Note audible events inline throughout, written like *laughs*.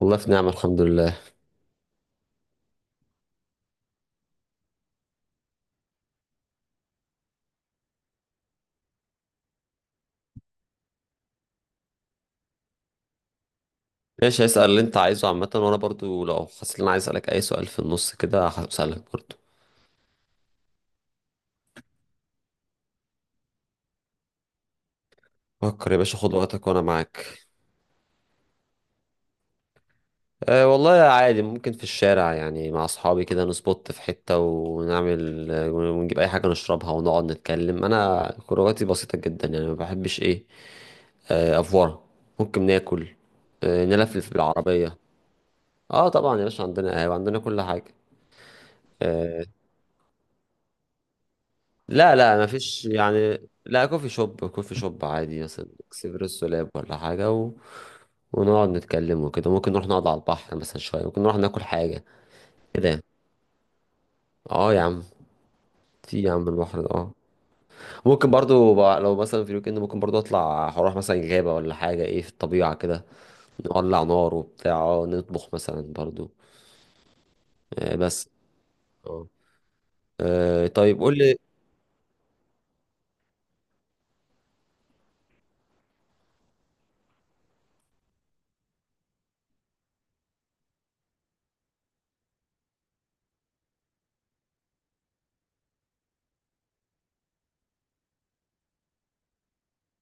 والله في نعمة، الحمد لله. ماشي، هسأل اللي انت عايزه عامة، وانا برضو لو حسيت ان انا عايز اسألك اي سؤال في النص كده هسألك برضو. فكر يا باشا، خد وقتك وانا معاك. أه والله عادي، ممكن في الشارع يعني مع اصحابي كده نسبوت في حتة ونعمل ونجيب اي حاجة نشربها ونقعد نتكلم. انا خروجاتي بسيطة جدا يعني ما بحبش ايه آه، افورة. ممكن ناكل، نلفلف بالعربية. اه طبعا يا باشا، عندنا قهوة، عندنا كل حاجة. آه، لا لا ما فيش يعني. لا، كوفي شوب، كوفي شوب عادي مثلا، اكسبريسو لاب ولا حاجة، و... ونقعد نتكلم وكده. ممكن نروح نقعد على البحر مثلا شوية، ممكن نروح ناكل حاجة كده يعني. اه يا عم، في يا عم البحر ده اه. ممكن برضو لو مثلا في الويك اند، ممكن برضو اطلع هروح مثلا غابة ولا حاجة، ايه في الطبيعة كده، نولع نار وبتاع اه نطبخ مثلا برضو. آه بس. اه. طيب قول لي.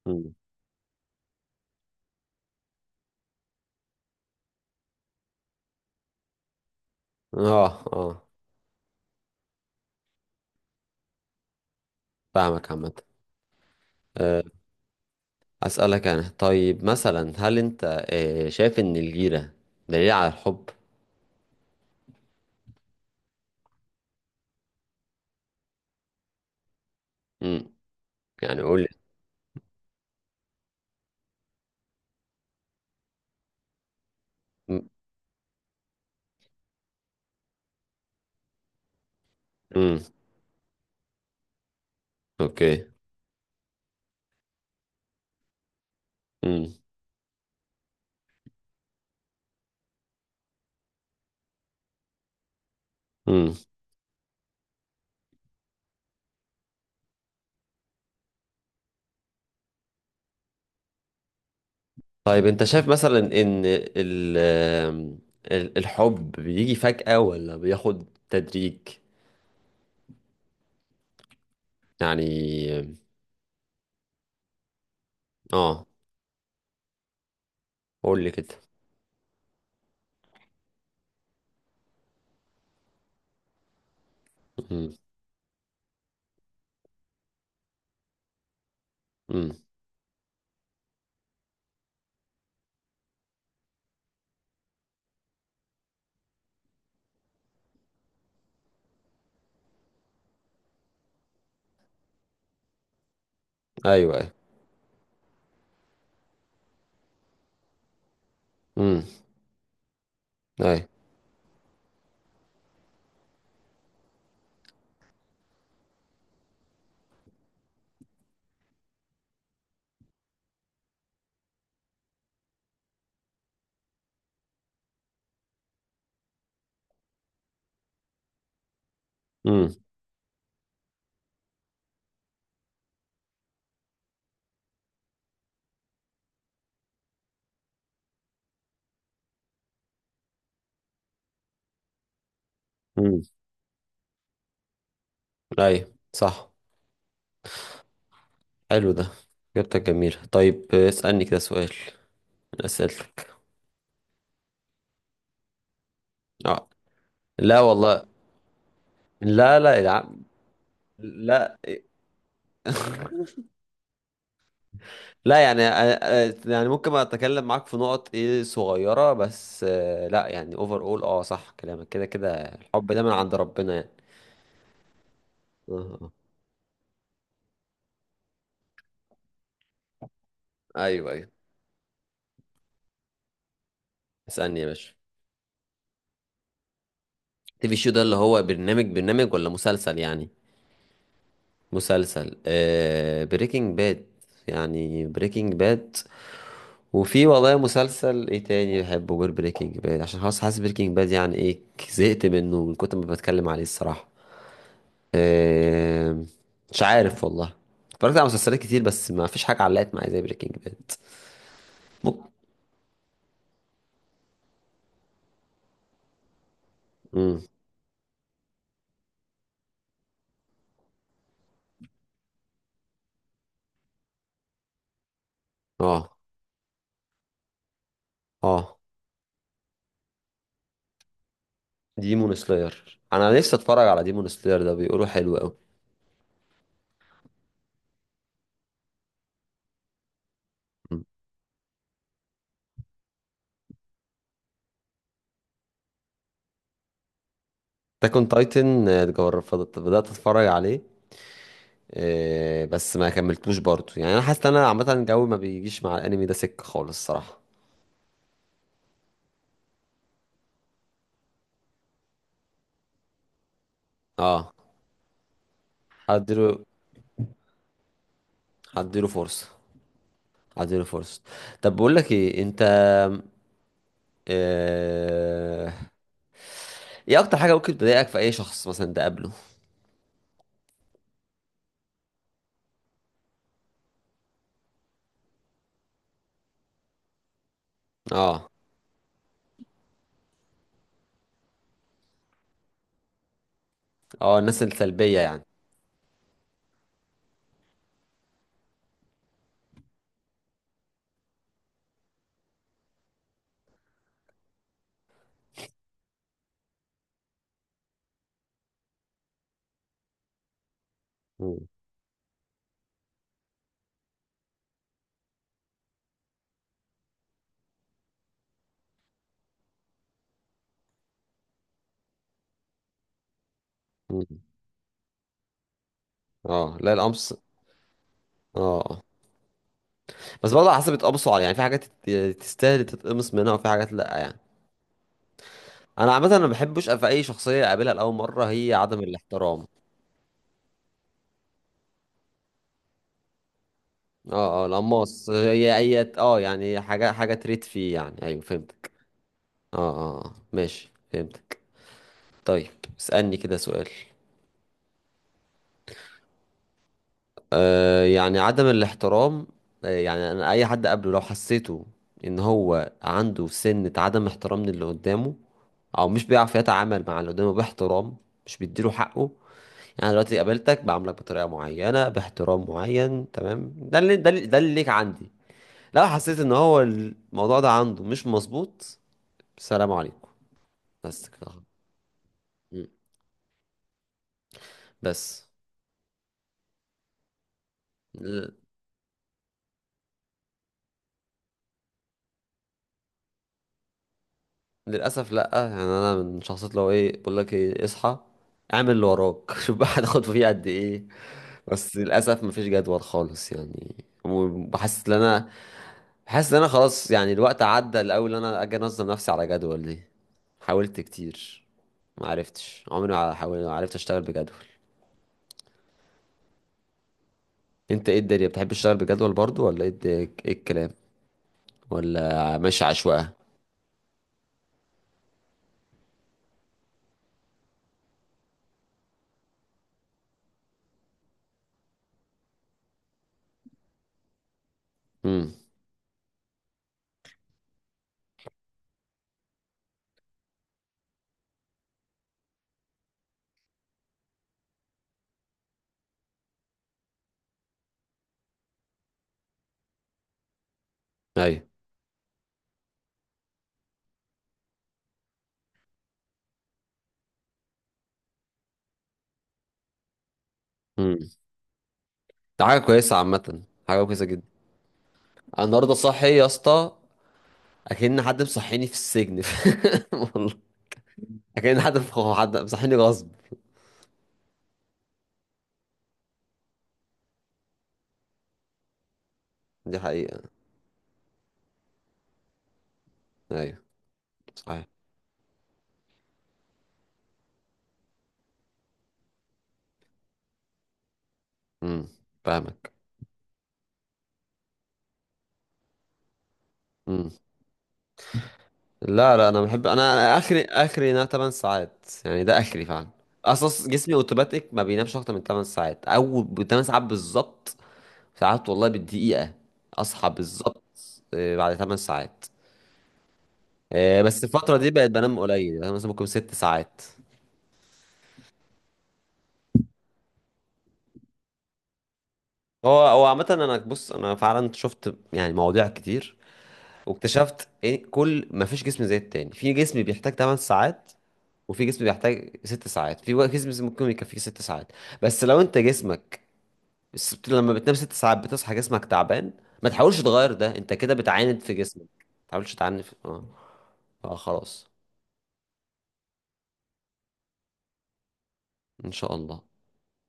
مم. اه. اه فاهمك عامة. آه، أسألك أنا طيب مثلا، هل أنت شايف إن الجيرة دليل على الحب؟ مم. يعني قول لي. مم. مم. أوكي. مم. مم. طيب أنت شايف مثلا إن الحب بيجي فجأة ولا بياخد تدريج؟ يعني آه، قول لي كده. مم. مم. أيوه أيوه. مم. أيوه. مم. مم. أيوه صح. حلو ده، إجابتك جميلة. طيب اسألني كده سؤال من أسئلتك. آه. لا والله، لا لا يا عم، لا. لا يعني يعني ممكن اتكلم معاك في نقط ايه صغيرة بس، لا يعني اوفر اول اه، صح كلامك كده كده، الحب ده من عند ربنا يعني. اه. آه. ايوه ايوه. اسألني يا باشا. تي في شو ده اللي هو برنامج ولا مسلسل يعني؟ مسلسل آه، بريكنج باد يعني، بريكنج باد. وفي والله مسلسل ايه تاني بحبه غير بريكنج باد، عشان خلاص حاسس بريكنج باد يعني ايه، زهقت منه من كتر ما بتكلم عليه الصراحة. آه، مش عارف والله. اتفرجت على مسلسلات كتير بس ما فيش حاجة علقت معايا زي بريكنج باد. ممكن. امم. اه اه. ديمون سلاير انا نفسي اتفرج على ديمون سلاير ده، بيقولوا حلو قوي. تاكون تايتن بدأت اتفرج عليه، بس ما كملتوش برضه، يعني انا حاسس ان انا عامة الجو ما بيجيش مع الانمي ده سكة خالص الصراحة. اه. هديله هديله فرصة. هديله فرصة. طب بقول لك ايه انت، آه، ايه اكتر حاجة ممكن تضايقك في اي شخص مثلا تقابله؟ اه اه، الناس السلبية يعني. مم. مم. اه لا، القمص اه. آه. بس برضه على حسب اتقمصوا على، يعني في حاجات تستاهل تتقمص منها وفي حاجات لا يعني. انا عامة ما بحبش في اي شخصية اقابلها لاول مرة هي عدم الاحترام. اه اه، القماص هي اي اه، يعني حاجة تريد فيه يعني. ايوه فهمتك. اه اه آه. ماشي فهمتك. طيب اسألني كده سؤال. يعني عدم الاحترام، يعني انا اي حد قبله لو حسيته ان هو عنده سنة عدم احترام للي قدامه، او مش بيعرف يتعامل مع اللي قدامه باحترام، مش بيديله حقه. يعني دلوقتي قابلتك بعاملك بطريقة معينة باحترام معين، تمام؟ ده اللي ليك عندي. لو حسيت ان هو الموضوع ده عنده مش مظبوط، سلام عليكم، بس كده. م. بس. للاسف لا، يعني انا من شخصيات لو ايه بقول لك ايه اصحى، اعمل اللي وراك *laughs* شوف بقى هتاخد فيه قد ايه. بس للاسف مفيش جدول خالص يعني. وبحس ان انا بحس ان انا خلاص يعني الوقت عدى الاول ان انا اجي انظم نفسي على جدول دي. حاولت كتير، ما عرفتش، عمري ما حاولت، ما عرفت اشتغل بجدول. انت ايه الدنيا، بتحب تشتغل بجدول برضو ولا ايه ايه الكلام، ولا ماشي عشوائي؟ امم. ايوه. امم. ده حاجه كويسه عامه، حاجه كويسه جدا. انا النهارده صاحي يا اسطى، اكن حد مصحيني في السجن *laughs* والله. اكن حد حد مصحيني غصب. دي حقيقه. ايوه. صحيح. امم. فاهمك. امم. لا لا انا بحب انا اخري ان انا 8 ساعات يعني، ده اخري فعلا. اصلا جسمي اوتوماتيك ما بينامش اكتر من 8 ساعات، او ب 8 ساعات بالظبط، ساعات والله بالدقيقه اصحى بالظبط بعد 8 ساعات. بس الفتره دي بقت بنام قليل، يعني مثلا ممكن 6 ساعات. هو هو عامة انا بص انا فعلا شفت يعني مواضيع كتير، واكتشفت ايه، كل ما فيش جسم زي التاني، في جسم بيحتاج 8 ساعات وفي جسم بيحتاج 6 ساعات، في جسم ممكن يكفيه 6 ساعات، بس لو انت جسمك بس لما بتنام 6 ساعات بتصحى جسمك تعبان، ما تحاولش تغير ده، انت كده بتعاند في جسمك، ما تحاولش تعاند في... اه. خلاص. ان شاء الله.